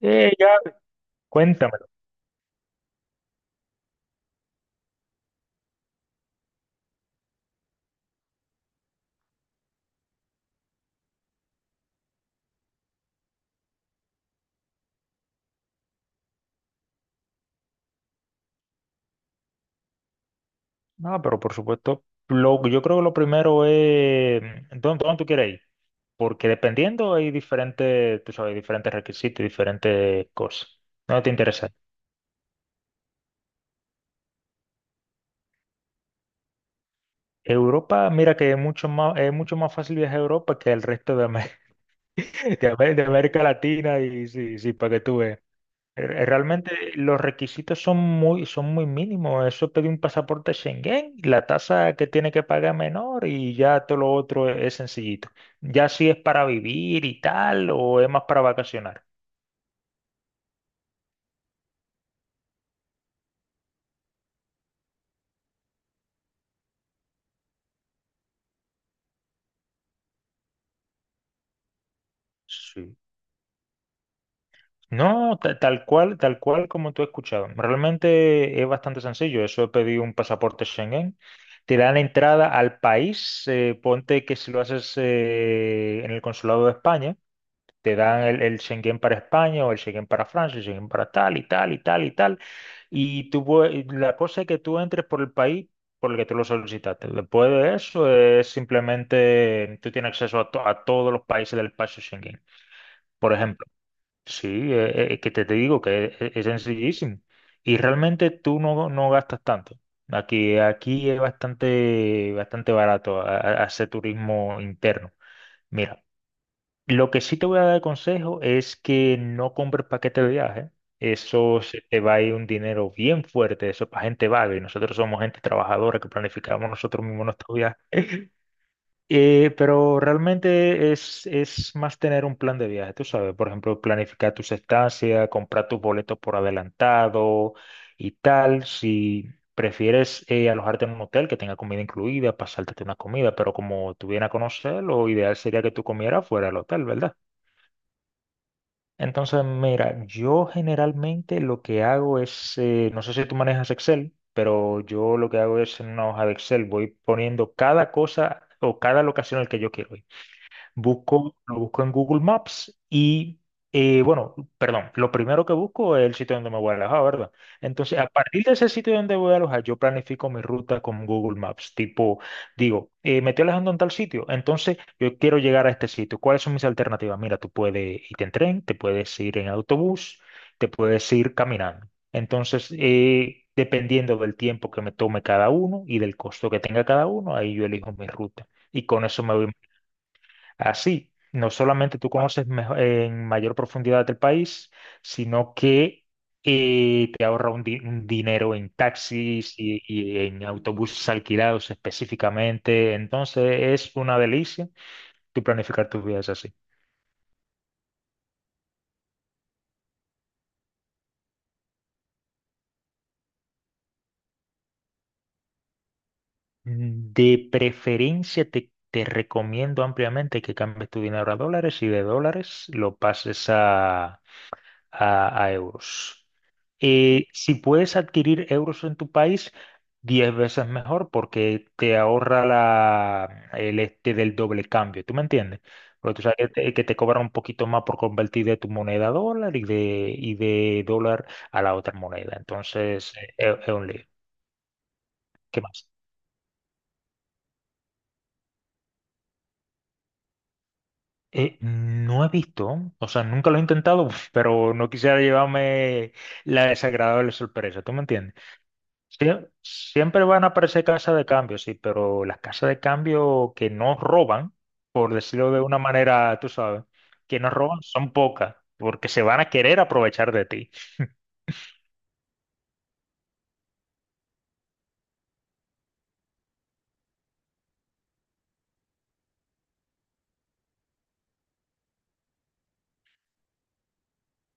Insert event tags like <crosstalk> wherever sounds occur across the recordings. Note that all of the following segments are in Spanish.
Ya, cuéntamelo. No, pero por supuesto, yo creo que lo primero es, ¿dónde tú quieres ir? Porque dependiendo hay diferentes, tú sabes, diferentes requisitos y diferentes cosas. No te interesa. Europa, mira que es mucho más fácil viajar a Europa que el resto de, <laughs> de América Latina y sí, sí, para que tú veas. Realmente los requisitos son muy, mínimos. Eso pedí un pasaporte Schengen, la tasa que tiene que pagar es menor y ya todo lo otro es, sencillito. Ya si es para vivir y tal, o es más para vacacionar. Sí. No, tal cual como tú has escuchado. Realmente es bastante sencillo. Eso es pedir un pasaporte Schengen. Te dan entrada al país. Ponte que si lo haces en el consulado de España. Te dan el Schengen para España o el Schengen para Francia, el Schengen para tal y tal y tal y tal. Y tú, la cosa es que tú entres por el país por el que tú lo solicitaste. Después de eso es simplemente tú tienes acceso a todos los países del espacio Schengen. Por ejemplo, sí, que te digo que es sencillísimo. Y realmente tú no, no gastas tanto. Aquí, aquí es bastante, bastante barato hacer turismo interno. Mira. Lo que sí te voy a dar consejo es que no compres paquete de viaje. Eso se te va a ir un dinero bien fuerte. Eso es para gente vaga. Y nosotros somos gente trabajadora que planificamos nosotros mismos nuestros viajes. Pero realmente es más tener un plan de viaje, tú sabes. Por ejemplo, planificar tus estancias, comprar tus boletos por adelantado y tal. Si prefieres alojarte en un hotel que tenga comida incluida, pasártete una comida. Pero como tú vienes a conocer, lo ideal sería que tú comieras fuera del hotel, ¿verdad? Entonces, mira, yo generalmente lo que hago es, no sé si tú manejas Excel, pero yo lo que hago es en una hoja de Excel, voy poniendo cada cosa o cada locación al que yo quiero ir. Busco, lo busco en Google Maps y, bueno, perdón, lo primero que busco es el sitio donde me voy a alojar, ¿verdad? Entonces, a partir de ese sitio donde voy a alojar, yo planifico mi ruta con Google Maps. Tipo, digo, me estoy alojando en tal sitio, entonces yo quiero llegar a este sitio. ¿Cuáles son mis alternativas? Mira, tú puedes ir en tren, te puedes ir en autobús, te puedes ir caminando. Entonces, dependiendo del tiempo que me tome cada uno y del costo que tenga cada uno, ahí yo elijo mi ruta. Y con eso me voy. Así, no solamente tú conoces en mayor profundidad el país, sino que te ahorra un dinero en taxis y en autobuses alquilados específicamente. Entonces, es una delicia tú planificar tus viajes así. De preferencia, te recomiendo ampliamente que cambies tu dinero a dólares y de dólares lo pases a euros. Si puedes adquirir euros en tu país, 10 veces mejor porque te ahorra la, el este del doble cambio, ¿tú me entiendes? Porque tú sabes que que te cobran un poquito más por convertir de tu moneda a dólar y de dólar a la otra moneda. Entonces, es un lío. ¿Qué más? No he visto, o sea, nunca lo he intentado, <laughs> pero no quisiera llevarme la desagradable sorpresa, ¿tú me entiendes? Siempre van a aparecer casas de cambio, sí, pero las casas de cambio que no roban, por decirlo de una manera, tú sabes, que no roban son pocas, porque se van a querer aprovechar de ti. <laughs>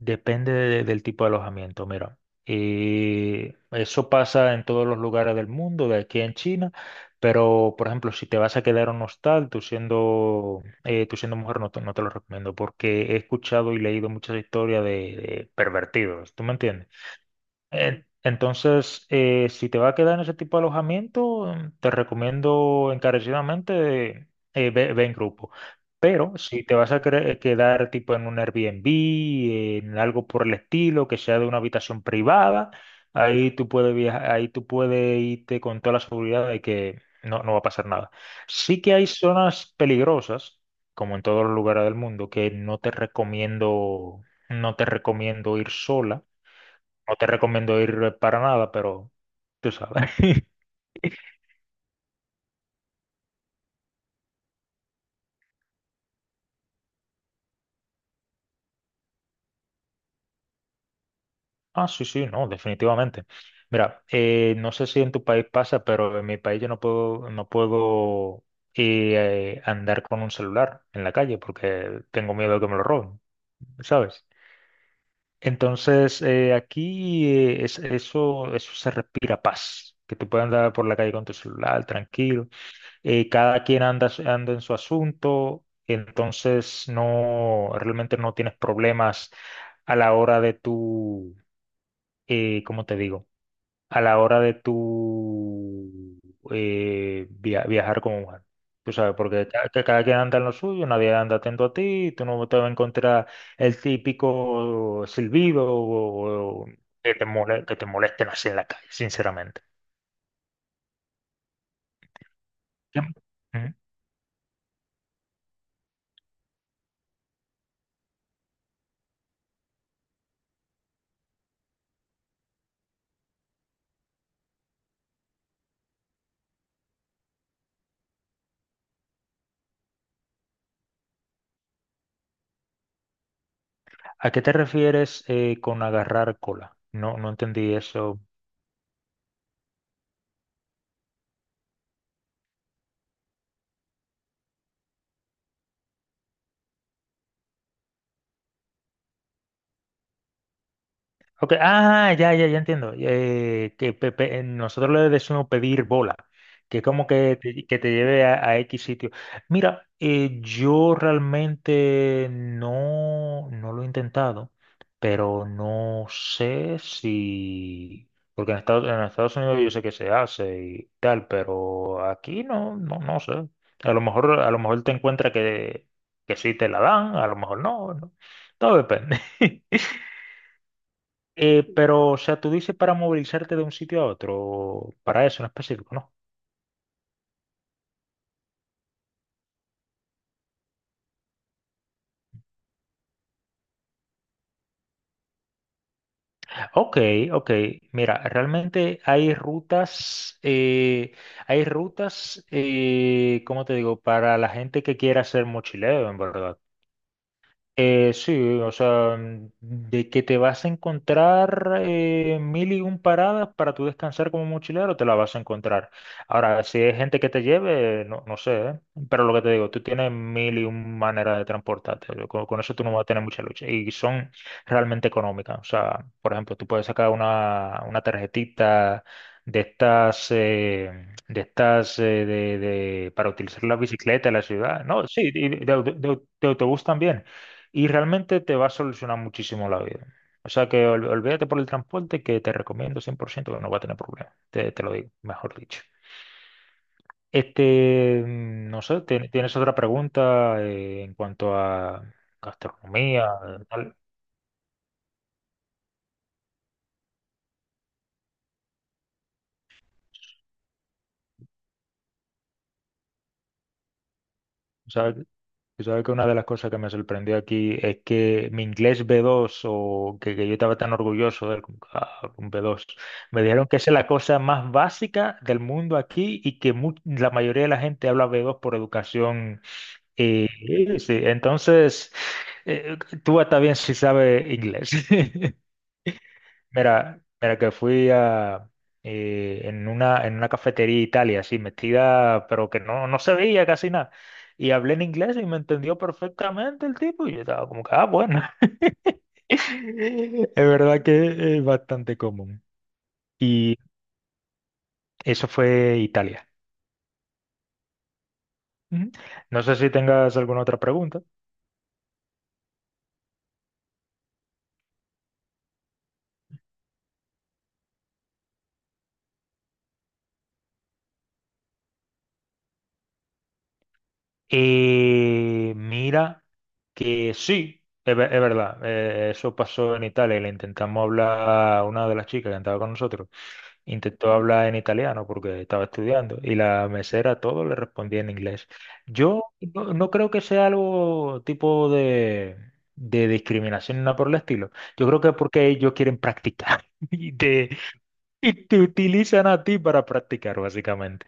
Depende del tipo de alojamiento, mira. Eso pasa en todos los lugares del mundo, de aquí en China, pero por ejemplo, si te vas a quedar en un hostal, tú siendo mujer, no te lo recomiendo, porque he escuchado y leído muchas historias de pervertidos, ¿tú me entiendes? Entonces, si te va a quedar en ese tipo de alojamiento, te recomiendo encarecidamente ve, ve en grupo. Pero si te vas a quedar tipo en un Airbnb, en algo por el estilo, que sea de una habitación privada, ahí tú puedes viajar, ahí tú puedes irte con toda la seguridad de que no, no va a pasar nada. Sí que hay zonas peligrosas, como en todos los lugares del mundo, que no te recomiendo ir sola, no te recomiendo ir para nada, pero tú sabes. <laughs> Ah, sí, sí, no, definitivamente. Mira, no sé si en tu país pasa, pero en mi país yo no puedo andar con un celular en la calle porque tengo miedo de que me lo roben, ¿sabes? Entonces, aquí eso se respira paz, que tú puedas andar por la calle con tu celular tranquilo. Cada quien anda, anda en su asunto, entonces no, realmente no tienes problemas a la hora de tu, ¿cómo te digo? A la hora de tu viajar como mujer. Tú sabes, porque que cada quien anda en lo suyo, nadie anda atento a ti, tú no te vas a encontrar el típico silbido o que te molesten así en la calle, sinceramente. Ujú. ¿A qué te refieres con agarrar cola? No, no entendí eso. Ok, ah, ya, ya, ya entiendo. Que nosotros le decimos pedir bola, que es como que que te lleve a X sitio. Mira, yo realmente no, no lo he intentado, pero no sé si... Porque en Estados Unidos yo sé que se hace y tal, pero aquí no, no, no sé. A lo mejor te encuentras que sí te la dan, a lo mejor no, no. Todo depende. Pero, o sea, tú dices para movilizarte de un sitio a otro, para eso en específico, ¿no? Ok, ok. Mira, realmente hay rutas, ¿cómo te digo? Para la gente que quiera hacer mochileo, en verdad. Sí, o sea, de que te vas a encontrar mil y un paradas para tu descansar como mochilero, te la vas a encontrar. Ahora, si hay gente que te lleve, no, no sé, ¿eh? Pero lo que te digo, tú tienes mil y un maneras de transportarte. Yo Con eso tú no vas a tener mucha lucha. Y son realmente económicas. O sea, por ejemplo, tú puedes sacar una tarjetita de estas, para utilizar la bicicleta en la ciudad. No, sí, y de autobús también y realmente te va a solucionar muchísimo la vida. O sea que olvídate por el transporte que te recomiendo 100% que no va a tener problema. Te lo digo, mejor dicho. No sé, ¿tienes otra pregunta en cuanto a gastronomía? ¿Tal? O sea, tú sabes que una de las cosas que me sorprendió aquí es que mi inglés B2, o que yo estaba tan orgulloso del un B2, me dijeron que esa es la cosa más básica del mundo aquí y que la mayoría de la gente habla B2 por educación. Y, y sí, entonces, eh, Tua también sí sabe inglés. <laughs> Mira, mira que fui en una cafetería de Italia, así metida, pero que no, no se veía casi nada. Y hablé en inglés y me entendió perfectamente el tipo. Y yo estaba como que, ah, bueno. <laughs> Es verdad que es bastante común. Y eso fue Italia. Ujú. No sé si tengas alguna otra pregunta. Mira que sí, es verdad, eso pasó en Italia y le intentamos hablar a una de las chicas que andaba con nosotros, intentó hablar en italiano porque estaba estudiando y la mesera todo le respondía en inglés. Yo no, no creo que sea algo tipo de discriminación ni nada por el estilo. Yo creo que es porque ellos quieren practicar <laughs> y y te utilizan a ti para practicar, básicamente.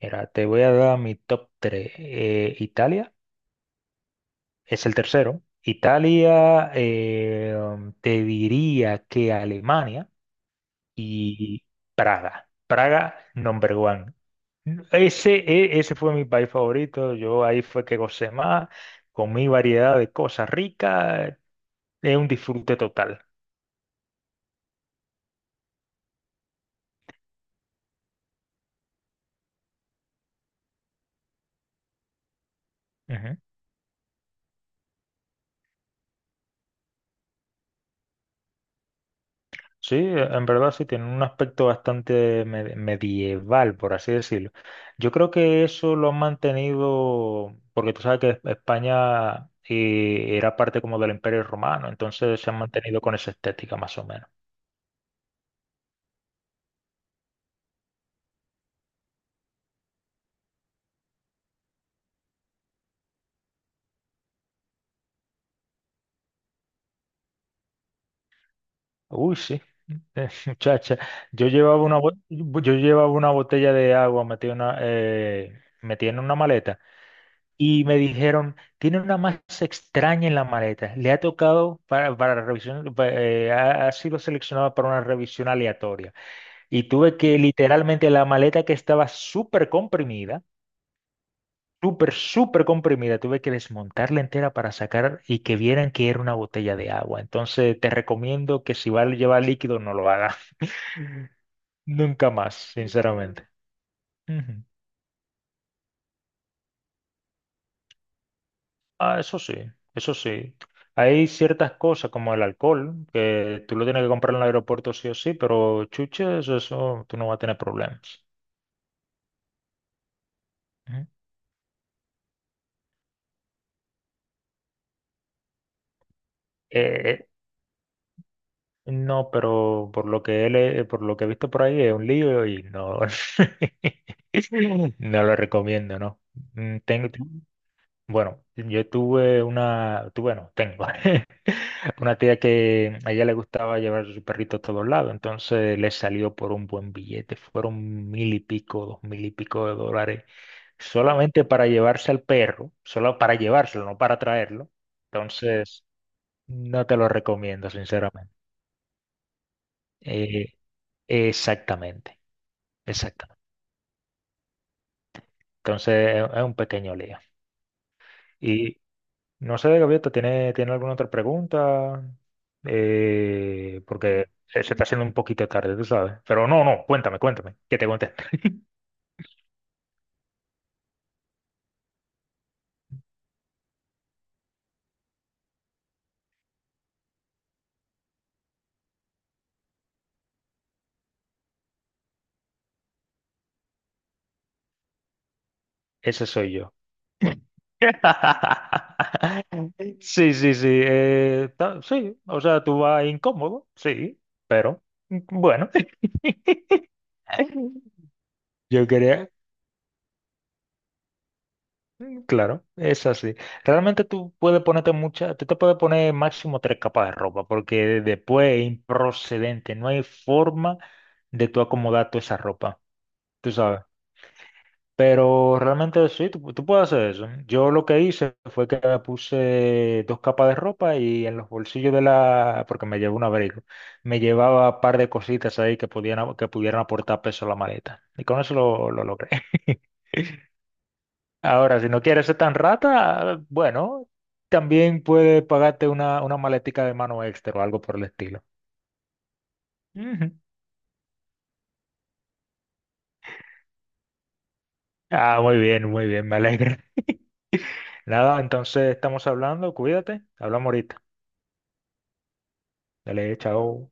Mira, te voy a dar mi top 3. Italia. Es el tercero. Italia, te diría que Alemania y Praga. Praga, number one. Ese fue mi país favorito. Yo ahí fue que gocé más, comí variedad de cosas ricas. Es un disfrute total. Ujú. Sí, en verdad sí, tiene un aspecto bastante medieval, por así decirlo. Yo creo que eso lo han mantenido, porque tú sabes que España era parte como del Imperio Romano, entonces se han mantenido con esa estética más o menos. Uy, sí, <laughs> muchacha, yo llevaba una botella de agua metida en una maleta. Y me dijeron, tiene una masa extraña en la maleta. Le ha tocado para revisión, ha sido seleccionada para una revisión aleatoria. Y tuve que literalmente la maleta que estaba súper comprimida, súper, súper comprimida, tuve que desmontarla entera para sacar y que vieran que era una botella de agua. Entonces te recomiendo que si va a llevar líquido, no lo haga. <laughs> Nunca más, sinceramente. Ujú. Ah, eso sí, eso sí. Hay ciertas cosas como el alcohol, que tú lo tienes que comprar en el aeropuerto sí o sí, pero chuches, eso tú no vas a tener problemas. Ujú. Eh, no, pero por lo que he visto por ahí es un lío y no, <laughs> no lo recomiendo, ¿no? Tengo. Bueno, yo tuve una, tu- bueno, tengo <laughs> una tía que a ella le gustaba llevar su perrito a todos lados, entonces le salió por un buen billete, fueron mil y pico, dos mil y pico de dólares, solamente para llevarse al perro, solo para llevárselo, no para traerlo. Entonces, no te lo recomiendo, sinceramente. Eh, Exactamente, exactamente. Entonces, es un pequeño lío. No sé, Gaviota, ¿tiene alguna otra pregunta? Porque se está haciendo un poquito tarde, tú sabes. Pero no, no, cuéntame, cuéntame, que te cuente. <laughs> Ese soy yo. <laughs> Sí, sí, sí. Sí, o sea, tú vas incómodo, sí, pero bueno. <laughs> Yo quería. Claro, es así. Realmente tú te puedes poner máximo tres capas de ropa, porque después es improcedente, no hay forma de tú acomodar toda esa ropa, tú sabes. Pero realmente sí, tú puedes hacer eso. Yo lo que hice fue que me puse dos capas de ropa y en los bolsillos de la, porque me llevaba un abrigo, me llevaba un par de cositas ahí que que pudieran aportar peso a la maleta. Y con eso lo logré. <laughs> Ahora, si no quieres ser tan rata, bueno, también puede pagarte una maletica de mano extra o algo por el estilo. Ujú. Ah, muy bien, me alegra. <laughs> Nada, entonces estamos hablando, cuídate, hablamos ahorita. Dale, chao.